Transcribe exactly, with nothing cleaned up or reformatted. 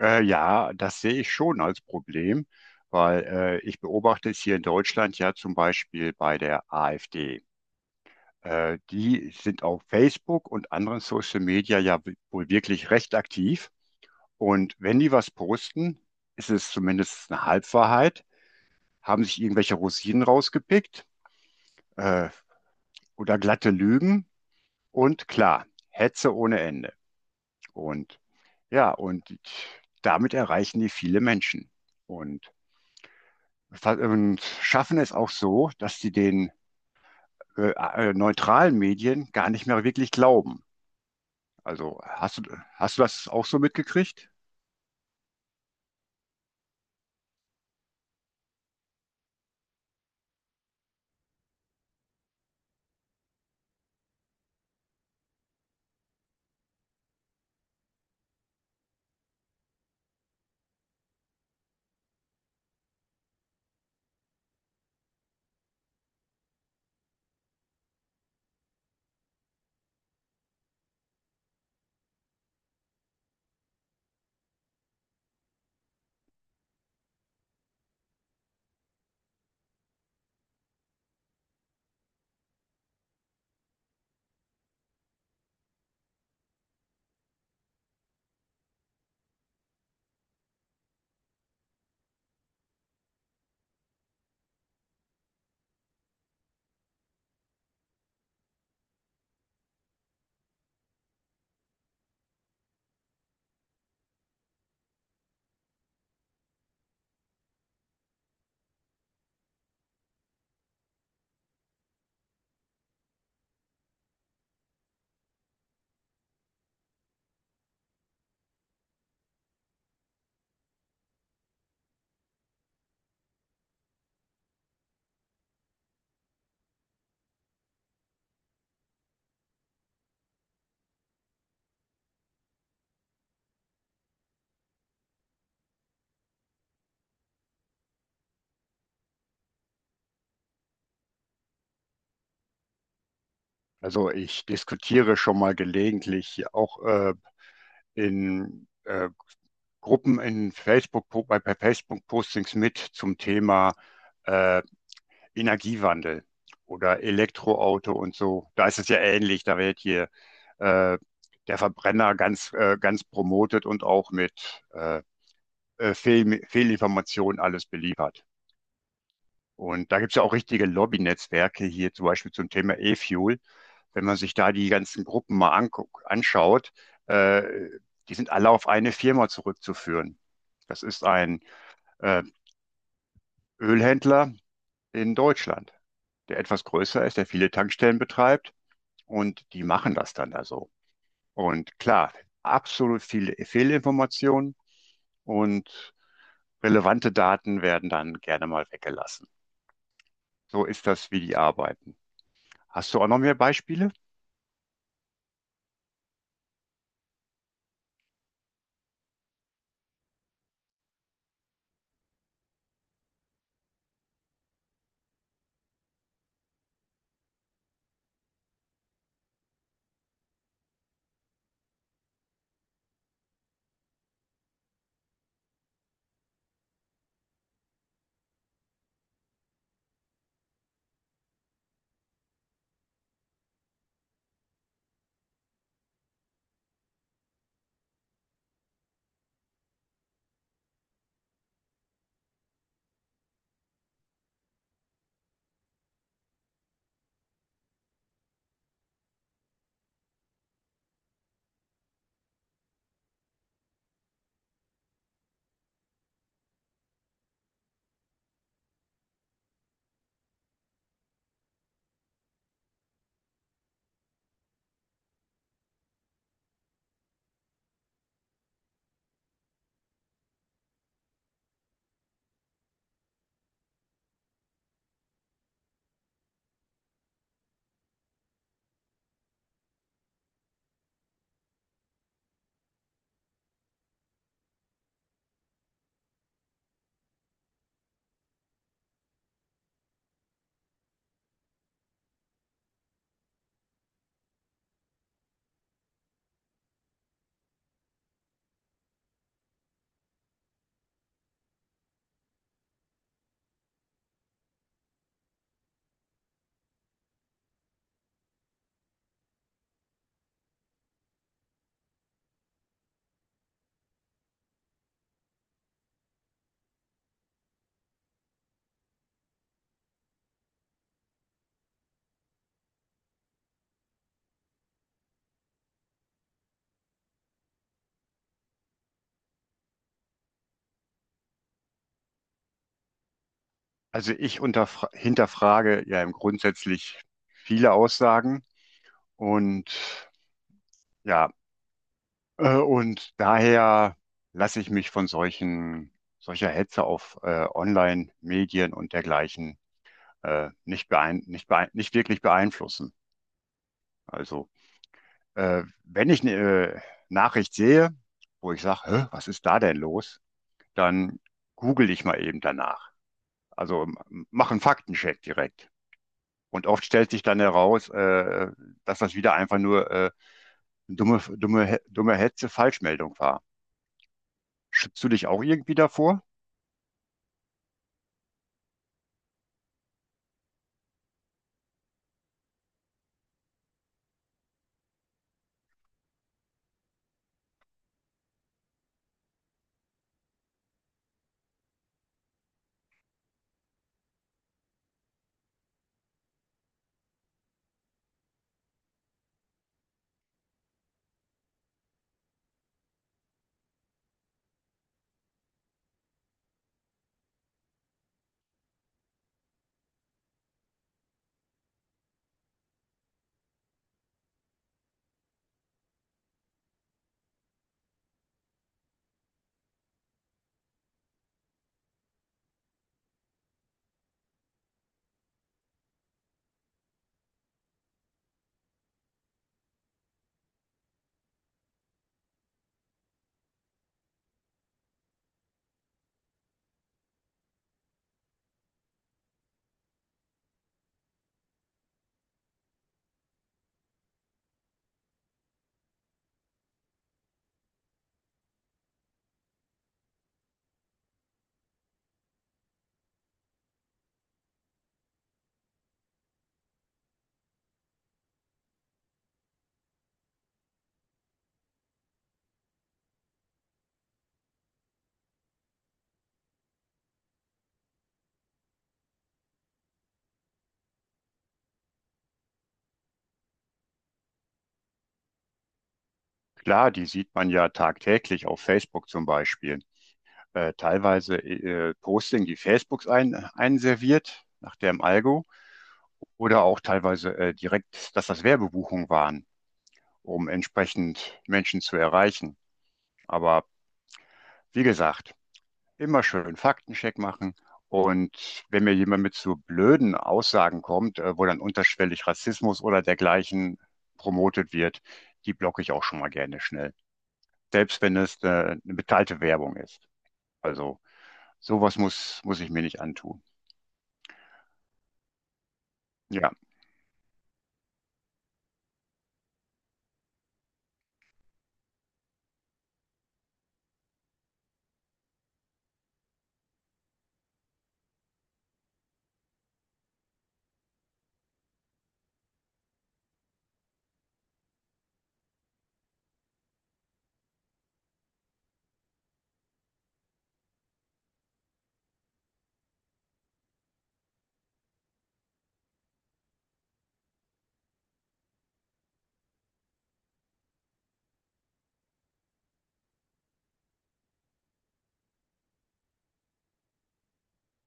Äh, ja, das sehe ich schon als Problem, weil äh, ich beobachte es hier in Deutschland ja zum Beispiel bei der AfD. Äh, die sind auf Facebook und anderen Social Media ja w- wohl wirklich recht aktiv. Und wenn die was posten, ist es zumindest eine Halbwahrheit, haben sich irgendwelche Rosinen rausgepickt, äh, oder glatte Lügen, und klar, Hetze ohne Ende. Und ja, und damit erreichen die viele Menschen. Und und schaffen es auch so, dass sie den äh, äh, neutralen Medien gar nicht mehr wirklich glauben. Also hast du, hast du das auch so mitgekriegt? Also ich diskutiere schon mal gelegentlich auch äh, in äh, Gruppen in Facebook, bei bei Facebook-Postings mit zum Thema äh, Energiewandel oder Elektroauto und so. Da ist es ja ähnlich, da wird hier äh, der Verbrenner ganz, äh, ganz promotet und auch mit äh, äh, Fehl, Fehlinformationen alles beliefert. Und da gibt es ja auch richtige Lobby Netzwerke hier zum Beispiel zum Thema E-Fuel. Wenn man sich da die ganzen Gruppen mal anguckt, anschaut, äh, die sind alle auf eine Firma zurückzuführen. Das ist ein äh, Ölhändler in Deutschland, der etwas größer ist, der viele Tankstellen betreibt und die machen das dann da so. Und klar, absolut viele Fehlinformationen und relevante Daten werden dann gerne mal weggelassen. So ist das, wie die arbeiten. Hast du auch noch mehr Beispiele? Also ich unterfra- hinterfrage ja im grundsätzlich viele Aussagen und ja, äh, und daher lasse ich mich von solchen, solcher Hetze auf äh, Online-Medien und dergleichen äh, nicht beein nicht beein nicht wirklich beeinflussen. Also äh, wenn ich eine äh, Nachricht sehe, wo ich sage, was ist da denn los, dann google ich mal eben danach. Also mach einen Faktencheck direkt. Und oft stellt sich dann heraus, äh, dass das wieder einfach nur äh, dumme, dumme, dumme Hetze, Falschmeldung war. Schützt du dich auch irgendwie davor? Klar, die sieht man ja tagtäglich auf Facebook zum Beispiel. Äh, teilweise äh, Posting, die Facebooks ein, einserviert nach dem Algo, oder auch teilweise äh, direkt, dass das Werbebuchungen waren, um entsprechend Menschen zu erreichen. Aber wie gesagt, immer schön Faktencheck machen. Und wenn mir jemand mit so blöden Aussagen kommt, äh, wo dann unterschwellig Rassismus oder dergleichen promotet wird, die blocke ich auch schon mal gerne schnell. Selbst wenn es äh, eine bezahlte Werbung ist. Also sowas muss, muss ich mir nicht antun. Ja.